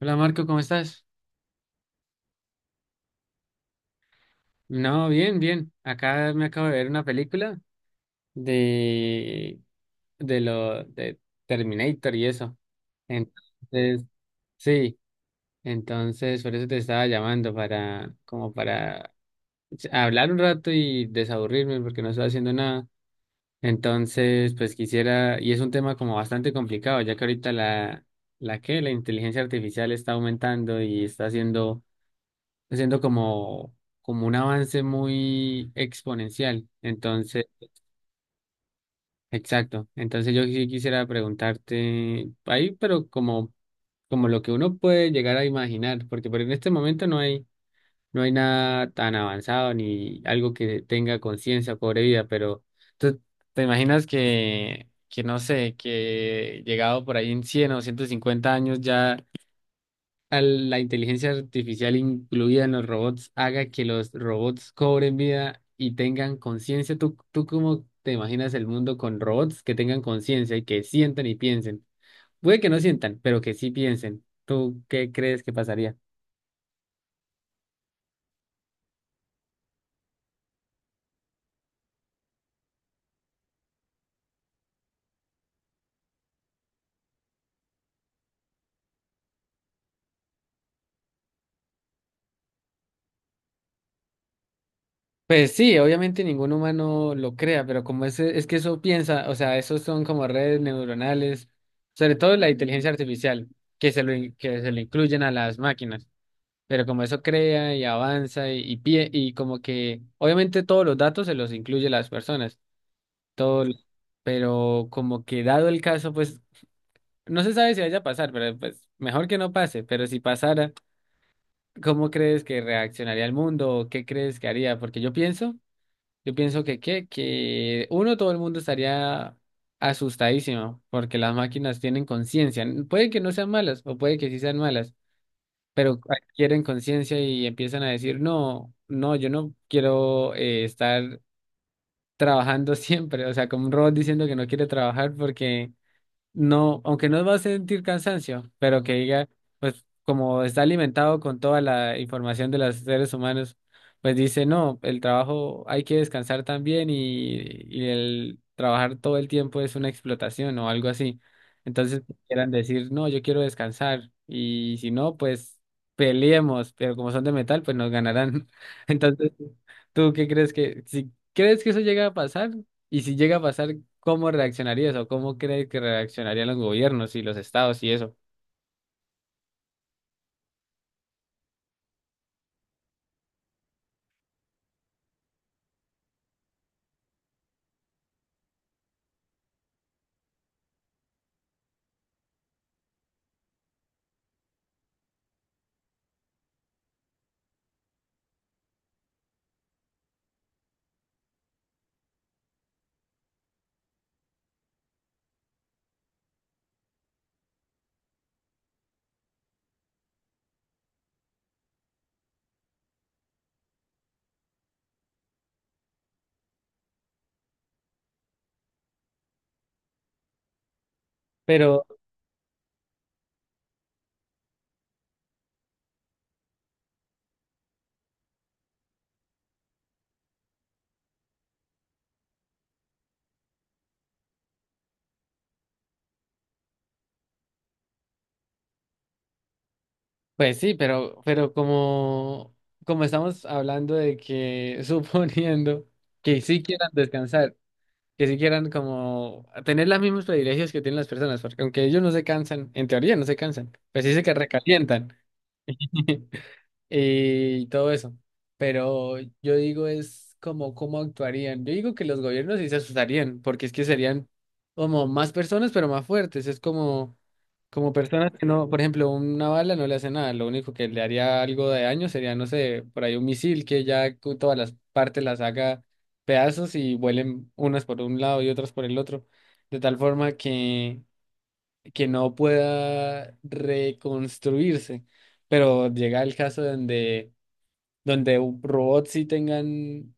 Hola Marco, ¿cómo estás? No, bien, bien. Acá me acabo de ver una película de, de lo de Terminator y eso. Entonces, sí, entonces por eso te estaba llamando para como para hablar un rato y desaburrirme porque no estoy haciendo nada. Entonces, pues quisiera, y es un tema como bastante complicado, ya que ahorita la inteligencia artificial está aumentando y está haciendo, lo siento, como un avance muy exponencial. Exacto. Entonces yo sí quisiera preguntarte ahí, pero como lo que uno puede llegar a imaginar, porque por en este momento no hay nada tan avanzado ni algo que tenga conciencia o cobre vida, pero tú te imaginas que no sé, que llegado por ahí en 100 o 150 años ya a la inteligencia artificial incluida en los robots haga que los robots cobren vida y tengan conciencia. ¿Tú cómo te imaginas el mundo con robots que tengan conciencia y que sientan y piensen? Puede que no sientan, pero que sí piensen. ¿Tú qué crees que pasaría? Pues sí, obviamente ningún humano lo crea, pero como es que eso piensa, o sea, esos son como redes neuronales, sobre todo la inteligencia artificial, que se lo incluyen a las máquinas. Pero como eso crea y avanza y como que, obviamente todos los datos se los incluye las personas, todo. Pero como que dado el caso, pues no se sabe si vaya a pasar, pero pues mejor que no pase, pero si pasara, ¿cómo crees que reaccionaría el mundo? ¿O qué crees que haría? Porque yo pienso que, ¿qué? Que uno, todo el mundo estaría asustadísimo, porque las máquinas tienen conciencia, puede que no sean malas o puede que sí sean malas, pero adquieren conciencia y empiezan a decir, no, no, yo no quiero, estar trabajando siempre, o sea, como un robot diciendo que no quiere trabajar porque no, aunque no va a sentir cansancio, pero que diga, pues como está alimentado con toda la información de los seres humanos, pues dice, no, el trabajo hay que descansar también, y el trabajar todo el tiempo es una explotación o algo así. Entonces quieran decir, no, yo quiero descansar y si no, pues peleemos, pero como son de metal, pues nos ganarán. Entonces, ¿tú qué crees si crees que eso llega a pasar? Y si llega a pasar, ¿cómo reaccionarías o cómo crees que reaccionarían los gobiernos y los estados y eso? Pero, pues sí, pero como estamos hablando de que, suponiendo que sí quieran descansar, que sí quieran como tener los mismos privilegios que tienen las personas, porque aunque ellos no se cansan, en teoría no se cansan, pues sí se que recalientan, y todo eso. Pero yo digo es como cómo actuarían. Yo digo que los gobiernos sí se asustarían, porque es que serían como más personas, pero más fuertes. Es como personas que no, por ejemplo, una bala no le hace nada. Lo único que le haría algo de daño sería, no sé, por ahí un misil que ya con todas las partes las haga pedazos y vuelen unas por un lado y otras por el otro. De tal forma que no pueda reconstruirse. Pero llega el caso donde robots sí tengan,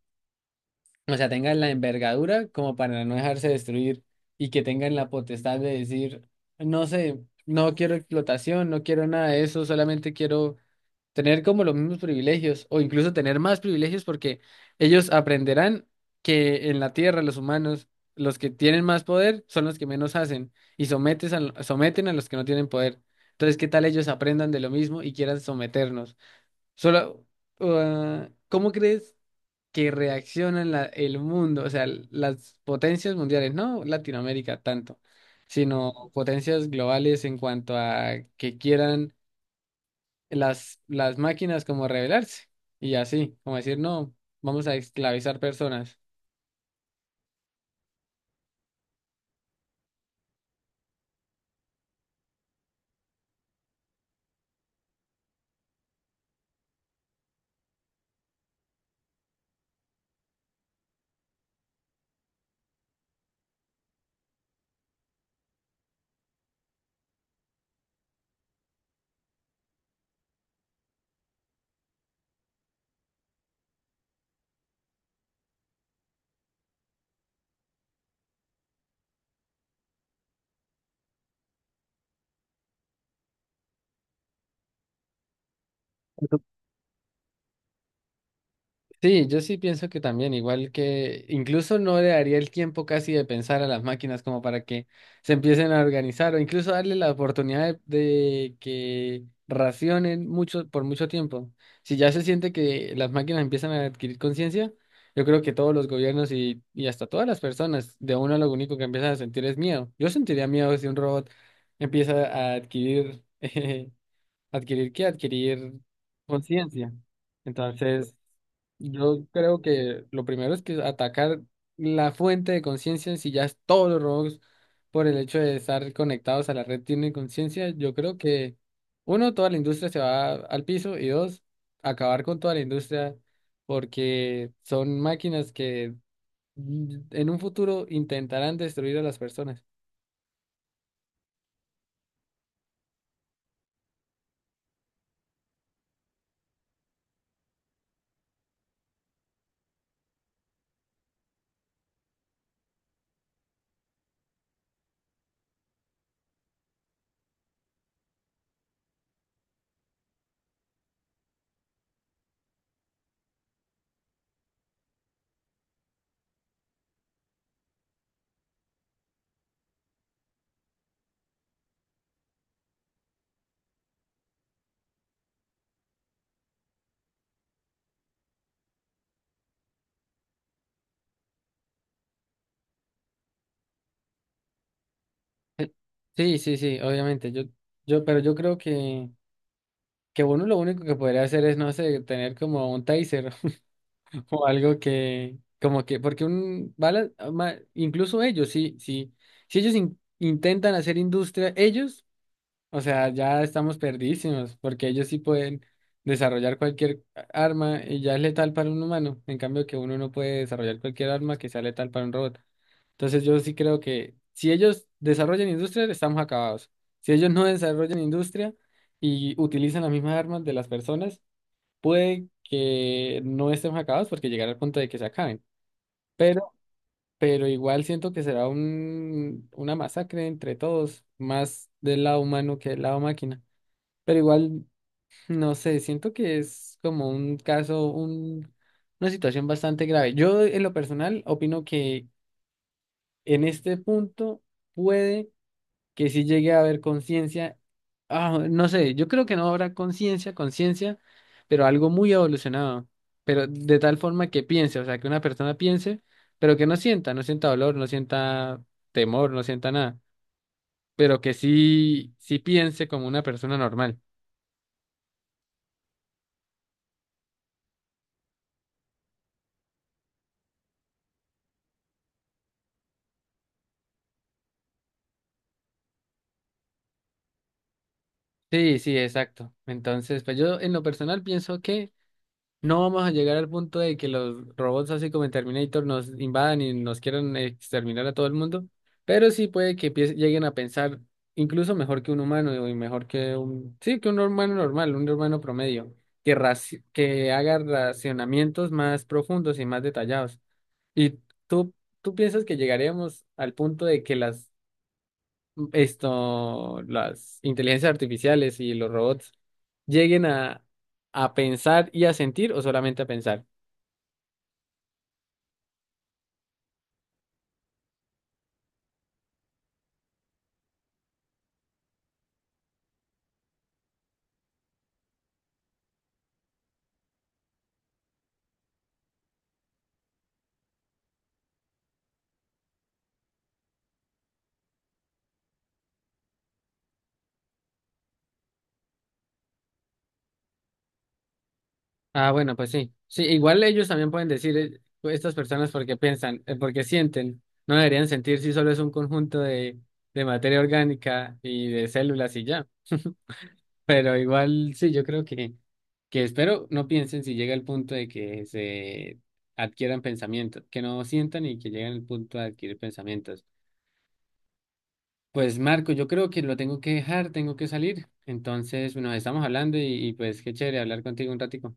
o sea, tengan la envergadura como para no dejarse destruir y que tengan la potestad de decir, no sé, no quiero explotación, no quiero nada de eso, solamente quiero tener como los mismos privilegios o incluso tener más privilegios porque ellos aprenderán que en la Tierra los humanos, los que tienen más poder son los que menos hacen y someten a los que no tienen poder. Entonces, ¿qué tal ellos aprendan de lo mismo y quieran someternos? Solo, ¿Cómo crees que reaccionan el mundo, o sea, las potencias mundiales, no Latinoamérica tanto, sino potencias globales en cuanto a que quieran las máquinas como rebelarse y así, como decir, no, vamos a esclavizar personas? Sí, yo sí pienso que también, igual que incluso no le daría el tiempo casi de pensar a las máquinas como para que se empiecen a organizar o incluso darle la oportunidad de que racionen mucho por mucho tiempo. Si ya se siente que las máquinas empiezan a adquirir conciencia, yo creo que todos los gobiernos y hasta todas las personas, de uno lo único que empiezan a sentir es miedo. Yo sentiría miedo si un robot empieza a adquirir adquirir qué, adquirir conciencia. Entonces, yo creo que lo primero es que atacar la fuente de conciencia, si ya es todos los robots por el hecho de estar conectados a la red tienen conciencia, yo creo que uno, toda la industria se va al piso y dos, acabar con toda la industria porque son máquinas que, en un futuro intentarán destruir a las personas. Eh, Sí, sí, sí, obviamente. Pero yo creo que uno lo único que podría hacer es, no sé, tener como un taser o algo que, como que, porque un bala, incluso ellos, sí, sí, si ellos intentan hacer industria, ellos, o sea, ya estamos perdidísimos, porque ellos sí pueden desarrollar cualquier arma y ya es letal para un humano, en cambio que uno no puede desarrollar cualquier arma que sea letal para un robot. Entonces yo sí creo que si ellos desarrollan industria, estamos acabados. Si ellos no desarrollan industria, y utilizan las mismas armas de las personas, puede que no estemos acabados porque llegará al punto de que se acaben, pero, pero igual siento que será una masacre entre todos, más del lado humano que del lado máquina. Pero igual, no sé, siento que es como un caso, una situación bastante grave. Yo en lo personal opino que en este punto puede que sí llegue a haber conciencia. Ah, no sé, yo creo que no habrá conciencia, conciencia, pero algo muy evolucionado, pero de tal forma que piense, o sea, que una persona piense, pero que no sienta, no sienta dolor, no sienta temor, no sienta nada, pero que sí, sí piense como una persona normal. Sí, sí, exacto. Entonces, pues yo en lo personal pienso que no vamos a llegar al punto de que los robots así como en Terminator nos invadan y nos quieran exterminar a todo el mundo, pero sí puede que lleguen a pensar incluso mejor que un humano y mejor que un, sí, que un humano normal, un humano promedio, que, que haga racionamientos más profundos y más detallados. ¿Y tú, tú piensas que llegaremos al punto de que las inteligencias artificiales y los robots lleguen a pensar y a sentir o solamente a pensar? Ah, bueno, pues sí. Sí, igual ellos también pueden decir, pues, estas personas porque piensan, porque sienten. No deberían sentir si solo es un conjunto de materia orgánica y de células y ya. Pero igual sí, yo creo que espero no piensen si llega el punto de que se adquieran pensamientos, que no sientan y que lleguen al punto de adquirir pensamientos. Pues Marco, yo creo que lo tengo que dejar, tengo que salir. Entonces, bueno, estamos hablando y pues qué chévere hablar contigo un ratico.